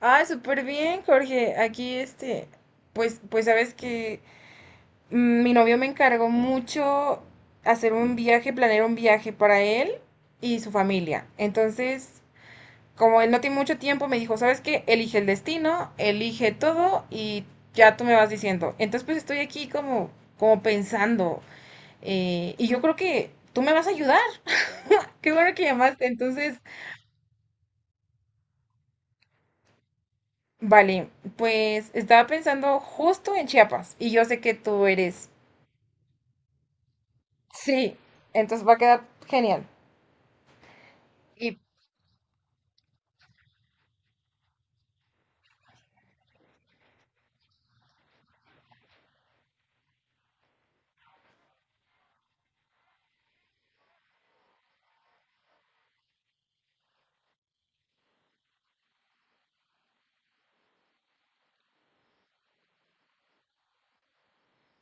Ah, súper bien, Jorge. Aquí, pues sabes que mi novio me encargó mucho hacer un viaje, planear un viaje para él y su familia. Entonces, como él no tiene mucho tiempo, me dijo, ¿sabes qué? Elige el destino, elige todo y ya tú me vas diciendo. Entonces, pues estoy aquí como pensando. Y yo creo que tú me vas a ayudar. Qué bueno que llamaste. Entonces, vale, pues estaba pensando justo en Chiapas y yo sé que tú eres. Sí, entonces va a quedar genial. Y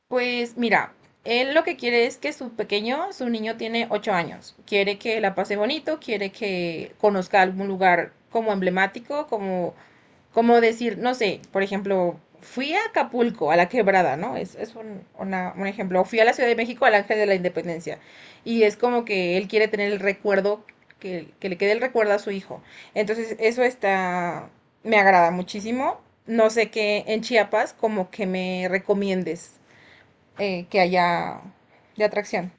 pues mira, él lo que quiere es que su pequeño, su niño tiene 8 años. Quiere que la pase bonito, quiere que conozca algún lugar como emblemático, como decir, no sé, por ejemplo, fui a Acapulco, a la quebrada, ¿no? Es un ejemplo. O fui a la Ciudad de México, al Ángel de la Independencia. Y es como que él quiere tener el recuerdo, que le quede el recuerdo a su hijo. Entonces, eso está, me agrada muchísimo. No sé qué en Chiapas, como que me recomiendes que haya de atracción.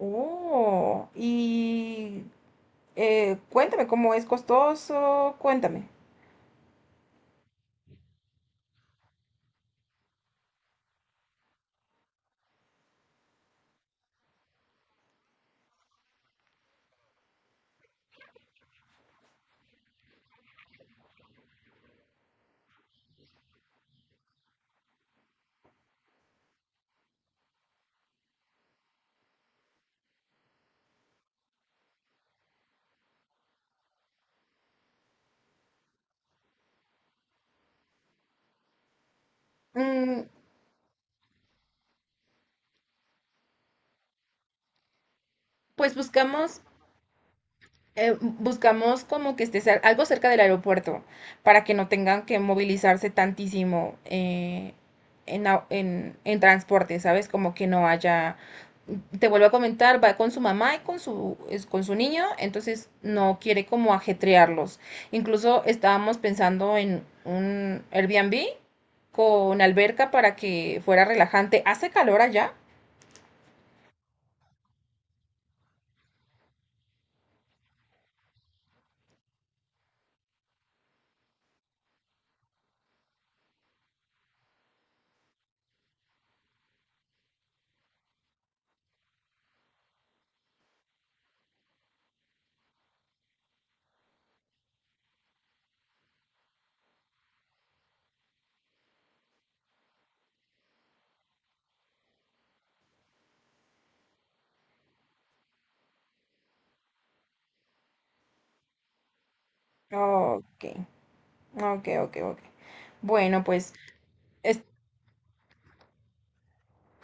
Oh, y cuéntame cómo es costoso, cuéntame. Mm, pues buscamos como que esté algo cerca del aeropuerto para que no tengan que movilizarse tantísimo en transporte, ¿sabes? Como que no haya. Te vuelvo a comentar, va con su mamá y con con su niño, entonces no quiere como ajetrearlos. Incluso estábamos pensando en un Airbnb con alberca para que fuera relajante. ¿Hace calor allá? Ok, ok, ok, ok. Bueno, pues.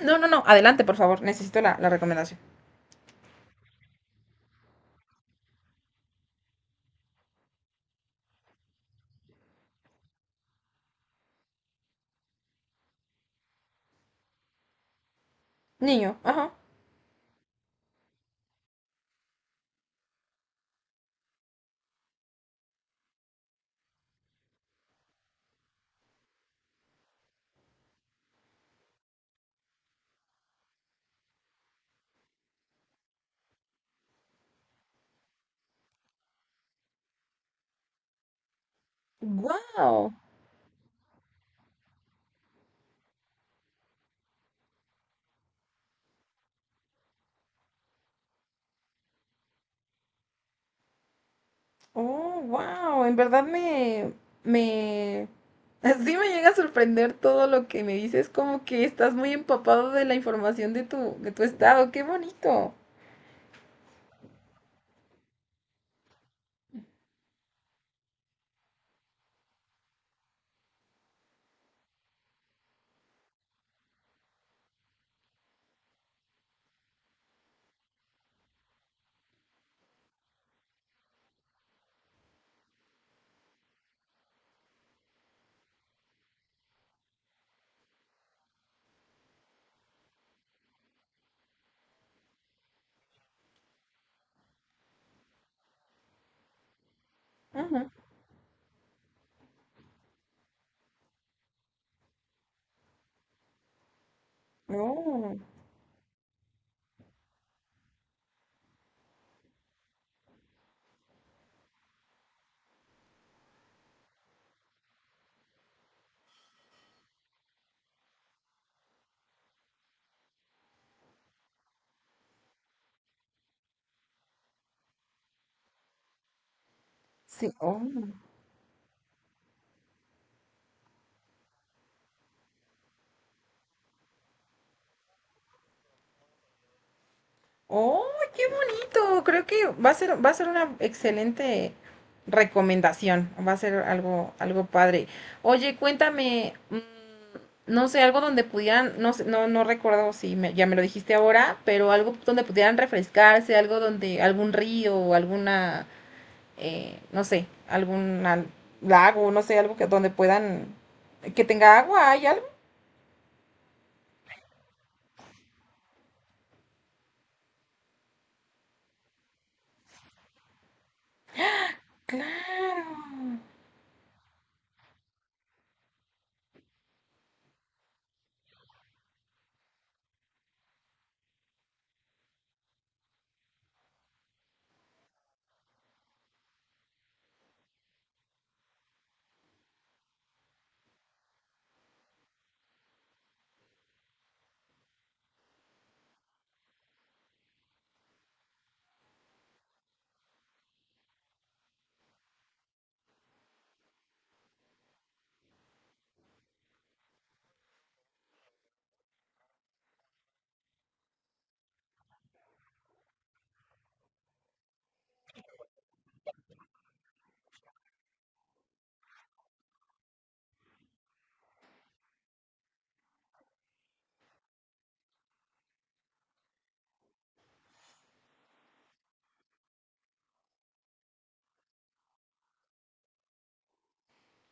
No, no, no, adelante, por favor. Necesito la recomendación. Niño, ajá. ¡Wow! Oh, wow. En verdad me... Sí me llega a sorprender todo lo que me dices, como que estás muy empapado de la información de tu estado. ¡Qué bonito! Ajá. Oh, sí, oh. Oh, qué bonito. Creo que va a ser una excelente recomendación. Va a ser algo padre. Oye, cuéntame, no sé, algo donde pudieran, no sé, no, no recuerdo si ya me lo dijiste ahora, pero algo donde pudieran refrescarse, algo donde, algún río o alguna, no sé, algún lago, no sé, algo que donde puedan, que tenga agua, ¿hay algo? Claro.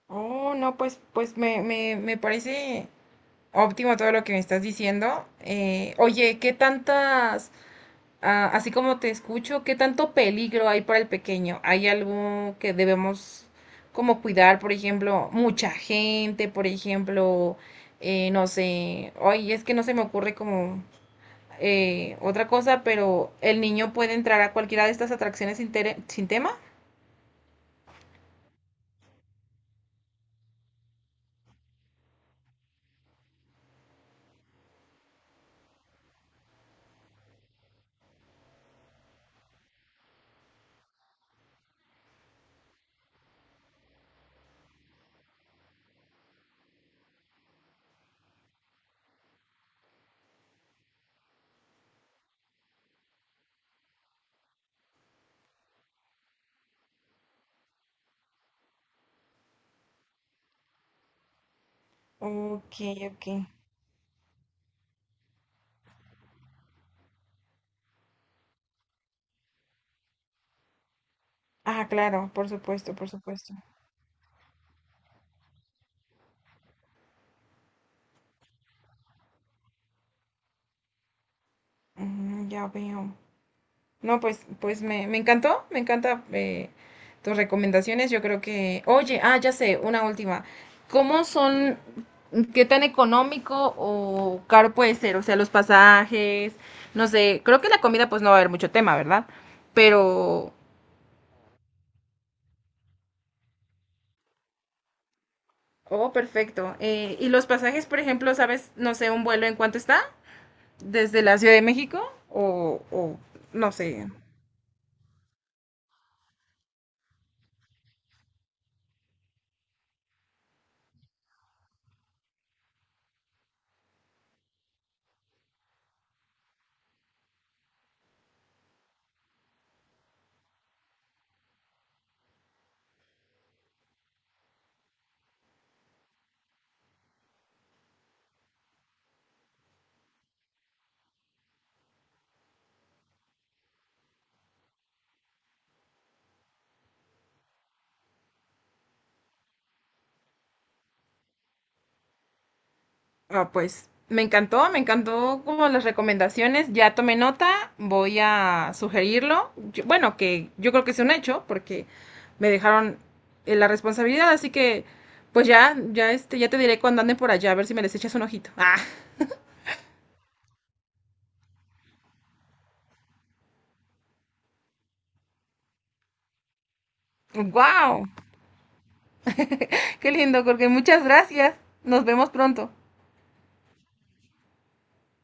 Oh, no, pues me parece. Óptimo todo lo que me estás diciendo. Oye, ¿qué tantas, ah, así como te escucho, qué tanto peligro hay para el pequeño? ¿Hay algo que debemos como cuidar, por ejemplo, mucha gente, por ejemplo, no sé, oye, es que no se me ocurre como otra cosa, pero el niño puede entrar a cualquiera de estas atracciones sin tema? Ok, ok. Ah, claro, por supuesto, por supuesto. Ya veo. No, pues me encantó, me encanta tus recomendaciones. Yo creo que, oye, ah, ya sé, una última. ¿Cómo son, qué tan económico o caro puede ser? O sea, los pasajes, no sé, creo que la comida pues no va a haber mucho tema, ¿verdad? Pero, oh, perfecto. ¿Y los pasajes, por ejemplo, sabes, no sé, un vuelo en cuánto está? ¿Desde la Ciudad de México? O no sé. Ah, pues me encantó como las recomendaciones, ya tomé nota, voy a sugerirlo. Bueno, que yo creo que es un hecho porque me dejaron la responsabilidad, así que pues ya te diré cuando ande por allá a ver si me les echas un ojito. Ah, wow. Qué lindo, porque muchas gracias. Nos vemos pronto.